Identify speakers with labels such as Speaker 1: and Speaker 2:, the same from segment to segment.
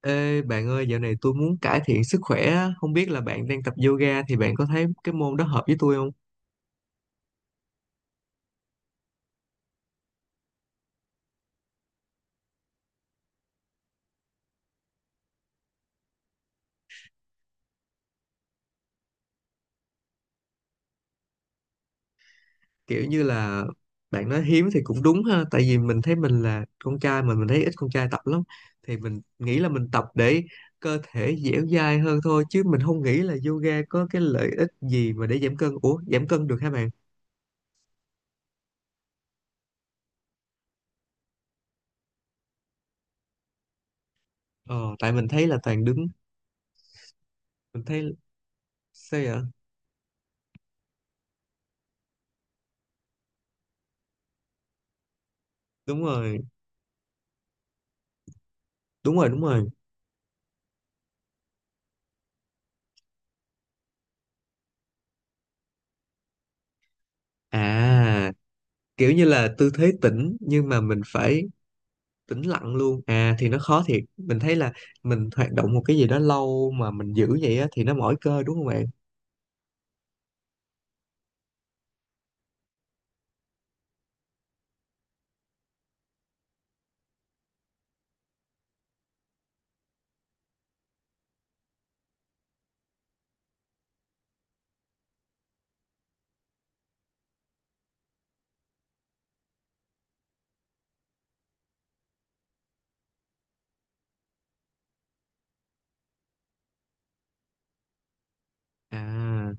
Speaker 1: Ê bạn ơi, dạo này tôi muốn cải thiện sức khỏe á. Không biết là bạn đang tập yoga thì bạn có thấy cái môn đó hợp với tôi không? Kiểu như là bạn nói hiếm thì cũng đúng ha, tại vì mình thấy mình là con trai mà mình thấy ít con trai tập lắm. Thì mình nghĩ là mình tập để cơ thể dẻo dai hơn thôi chứ mình không nghĩ là yoga có cái lợi ích gì mà để giảm cân. Ủa, giảm cân được hả bạn? Ờ, tại mình thấy là toàn đứng, mình thấy sao vậy? Đúng rồi, đúng rồi, đúng rồi. À, kiểu như là tư thế tĩnh nhưng mà mình phải tĩnh lặng luôn à, thì nó khó thiệt, mình thấy là mình hoạt động một cái gì đó lâu mà mình giữ vậy á thì nó mỏi cơ đúng không bạn à?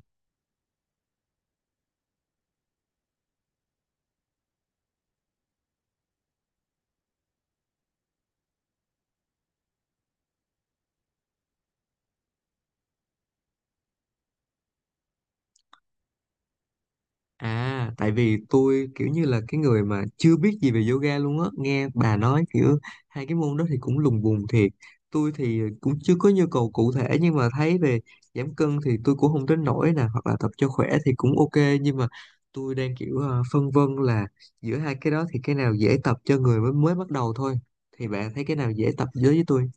Speaker 1: À, tại vì tôi kiểu như là cái người mà chưa biết gì về yoga luôn á, nghe bà nói kiểu hai cái môn đó thì cũng lùng bùng thiệt. Tôi thì cũng chưa có nhu cầu cụ thể nhưng mà thấy về giảm cân thì tôi cũng không đến nỗi nè, hoặc là tập cho khỏe thì cũng ok nhưng mà tôi đang kiểu phân vân là giữa hai cái đó thì cái nào dễ tập cho người mới mới bắt đầu thôi. Thì bạn thấy cái nào dễ tập với tôi?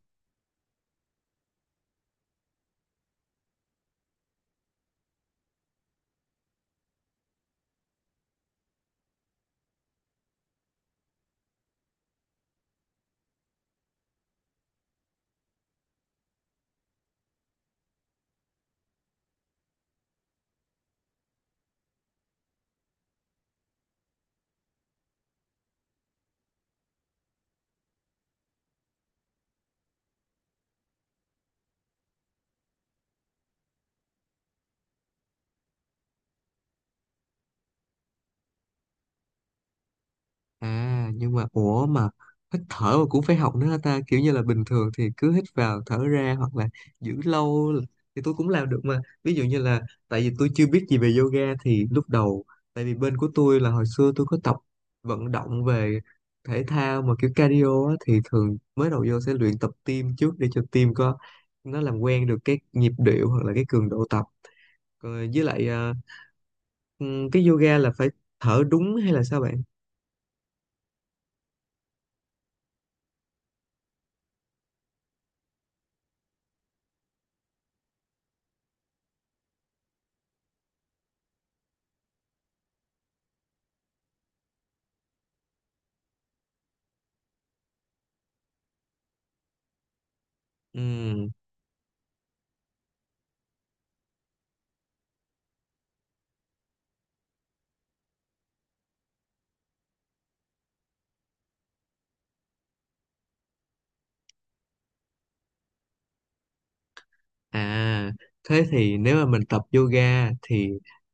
Speaker 1: À nhưng mà ủa mà hít thở mà cũng phải học nữa hả ta, kiểu như là bình thường thì cứ hít vào thở ra hoặc là giữ lâu là- thì tôi cũng làm được mà, ví dụ như là tại vì tôi chưa biết gì về yoga thì lúc đầu tại vì bên của tôi là hồi xưa tôi có tập vận động về thể thao mà kiểu cardio á, thì thường mới đầu vô sẽ luyện tập tim trước để cho tim có nó làm quen được cái nhịp điệu hoặc là cái cường độ tập. Rồi với lại ừ, cái yoga là phải thở đúng hay là sao bạn? Ừ. À, thế thì nếu mà mình tập yoga thì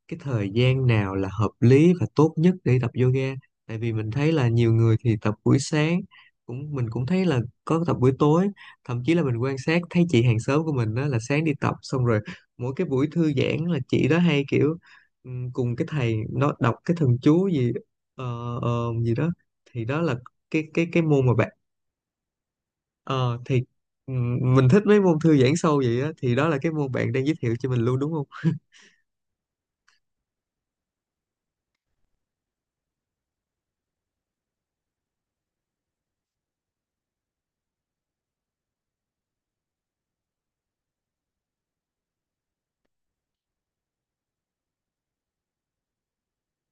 Speaker 1: cái thời gian nào là hợp lý và tốt nhất để tập yoga? Tại vì mình thấy là nhiều người thì tập buổi sáng, cũng mình cũng thấy là có tập buổi tối, thậm chí là mình quan sát thấy chị hàng xóm của mình đó là sáng đi tập xong rồi mỗi cái buổi thư giãn là chị đó hay kiểu cùng cái thầy nó đọc cái thần chú gì ờ, ờ, gì đó, thì đó là cái môn mà bạn. Ờ thì mình thích mấy môn thư giãn sâu vậy á, thì đó là cái môn bạn đang giới thiệu cho mình luôn đúng không?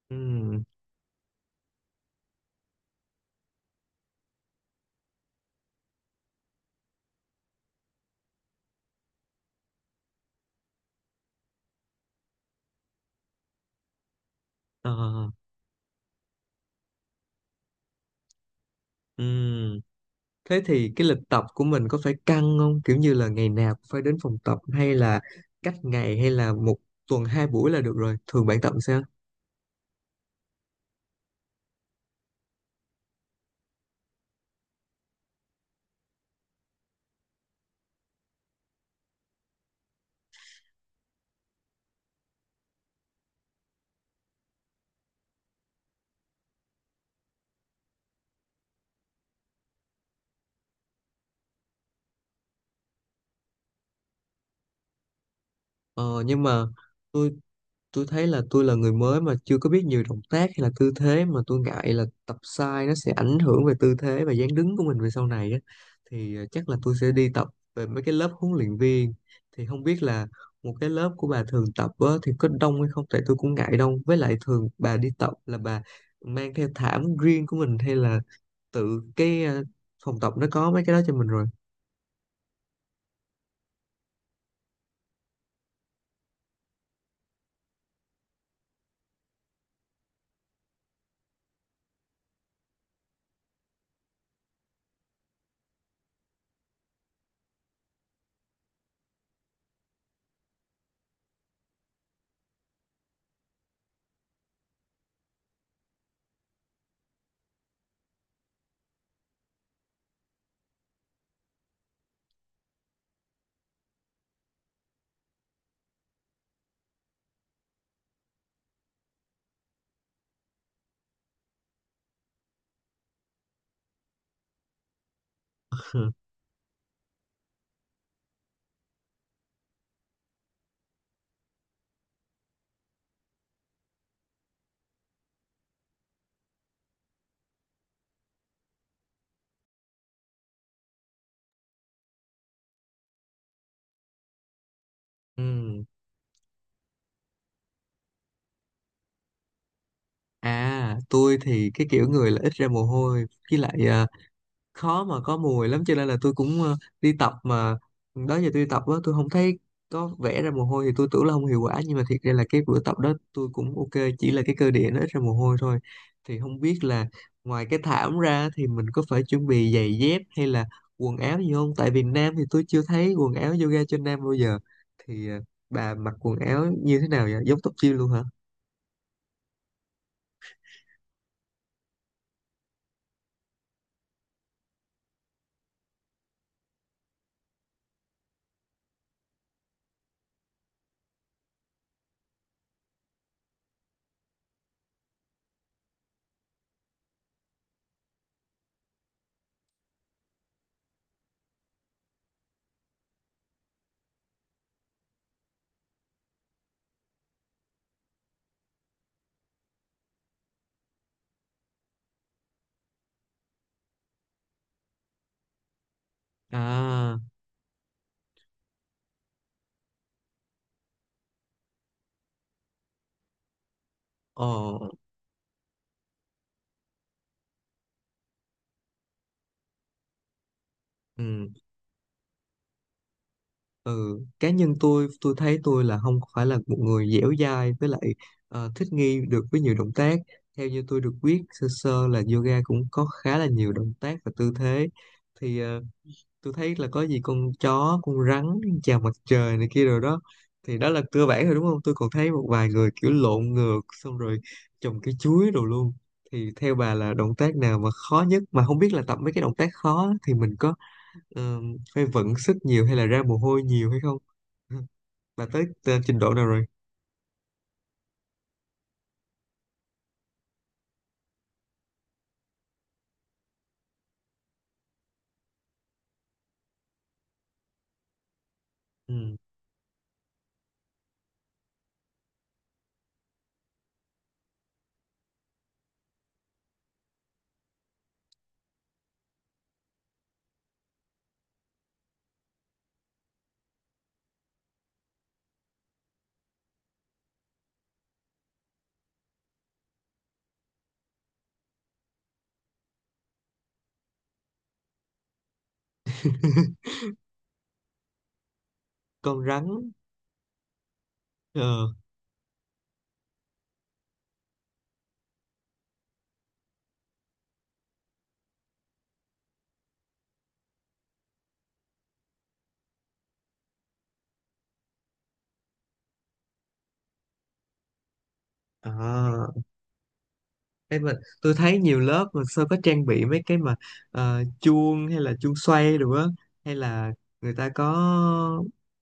Speaker 1: Ừm. Ờ. Ừm. Thế thì cái lịch tập của mình có phải căng không? Kiểu như là ngày nào cũng phải đến phòng tập hay là cách ngày hay là một tuần hai buổi là được rồi. Thường bạn tập sao? Ờ nhưng mà tôi tôi thấy là tôi là người mới mà chưa có biết nhiều động tác hay là tư thế mà tôi ngại là tập sai nó sẽ ảnh hưởng về tư thế và dáng đứng của mình về sau này á, thì chắc là tôi sẽ đi tập về mấy cái lớp huấn luyện viên, thì không biết là một cái lớp của bà thường tập á, thì có đông hay không, tại tôi cũng ngại đông với lại thường bà đi tập là bà mang theo thảm riêng của mình hay là tự cái phòng tập nó có mấy cái đó cho mình rồi. Ừ. À, tôi thì cái kiểu người là ít ra mồ hôi với lại khó mà có mùi lắm cho nên là tôi cũng đi tập mà đó giờ tôi đi tập á tôi không thấy có vẽ ra mồ hôi thì tôi tưởng là không hiệu quả nhưng mà thiệt ra là cái bữa tập đó tôi cũng ok, chỉ là cái cơ địa nó ít ra mồ hôi thôi, thì không biết là ngoài cái thảm ra thì mình có phải chuẩn bị giày dép hay là quần áo gì không, tại Việt Nam thì tôi chưa thấy quần áo yoga cho nam bao giờ, thì bà mặc quần áo như thế nào vậy, giống tóc gym luôn hả? À. Ồ. Ừ. Cá nhân tôi thấy tôi là không phải là một người dẻo dai với lại thích nghi được với nhiều động tác. Theo như tôi được biết sơ sơ là yoga cũng có khá là nhiều động tác và tư thế, thì tôi thấy là có gì con chó, con rắn, chào mặt trời này kia rồi đó, thì đó là cơ bản rồi đúng không? Tôi còn thấy một vài người kiểu lộn ngược xong rồi trồng cái chuối đồ luôn, thì theo bà là động tác nào mà khó nhất, mà không biết là tập mấy cái động tác khó thì mình có ờ, phải vận sức nhiều hay là ra mồ hôi nhiều hay không? Bà tới trình độ nào rồi? Ừ. Con rắn. Ờ. À. Ê, mà tôi thấy nhiều lớp mà sao có trang bị mấy cái mà chuông hay là chuông xoay đồ á, hay là người ta có,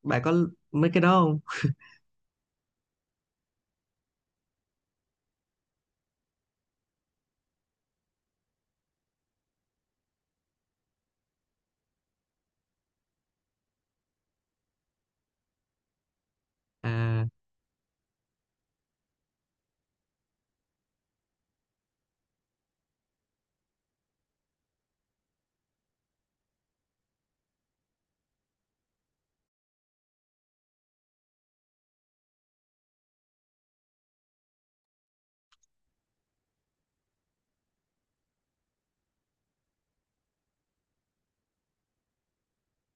Speaker 1: bạn có mấy cái đó không? À.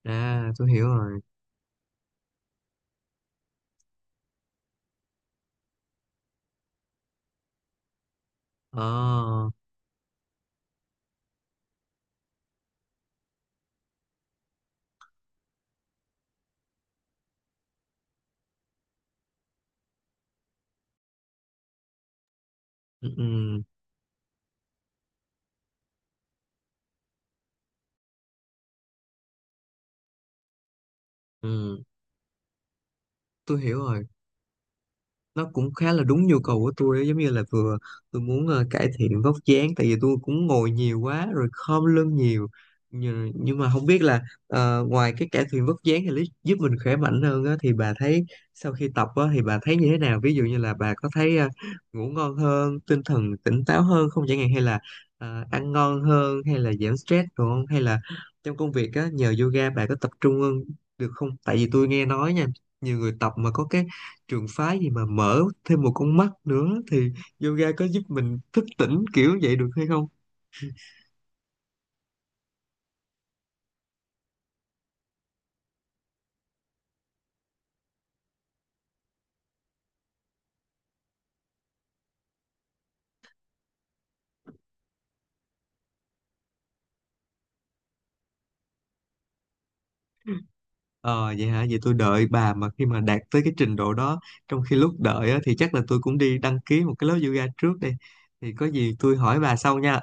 Speaker 1: À, tôi hiểu rồi. Ờ. Ừ, ừ, ừ, tôi hiểu rồi. Nó cũng khá là đúng nhu cầu của tôi ấy, giống như là vừa tôi muốn cải thiện vóc dáng tại vì tôi cũng ngồi nhiều quá rồi khom lưng nhiều, nhưng mà không biết là ngoài cái cải thiện vóc dáng thì giúp mình khỏe mạnh hơn á, thì bà thấy sau khi tập á, thì bà thấy như thế nào, ví dụ như là bà có thấy ngủ ngon hơn tinh thần tỉnh táo hơn không chẳng hạn, hay là ăn ngon hơn hay là giảm stress đúng không, hay là trong công việc á, nhờ yoga bà có tập trung hơn được không, tại vì tôi nghe nói nha nhiều người tập mà có cái trường phái gì mà mở thêm một con mắt nữa thì yoga có giúp mình thức tỉnh kiểu vậy được hay không? Ờ vậy hả, vậy tôi đợi bà mà khi mà đạt tới cái trình độ đó, trong khi lúc đợi á, thì chắc là tôi cũng đi đăng ký một cái lớp yoga trước đây, thì có gì tôi hỏi bà sau nha.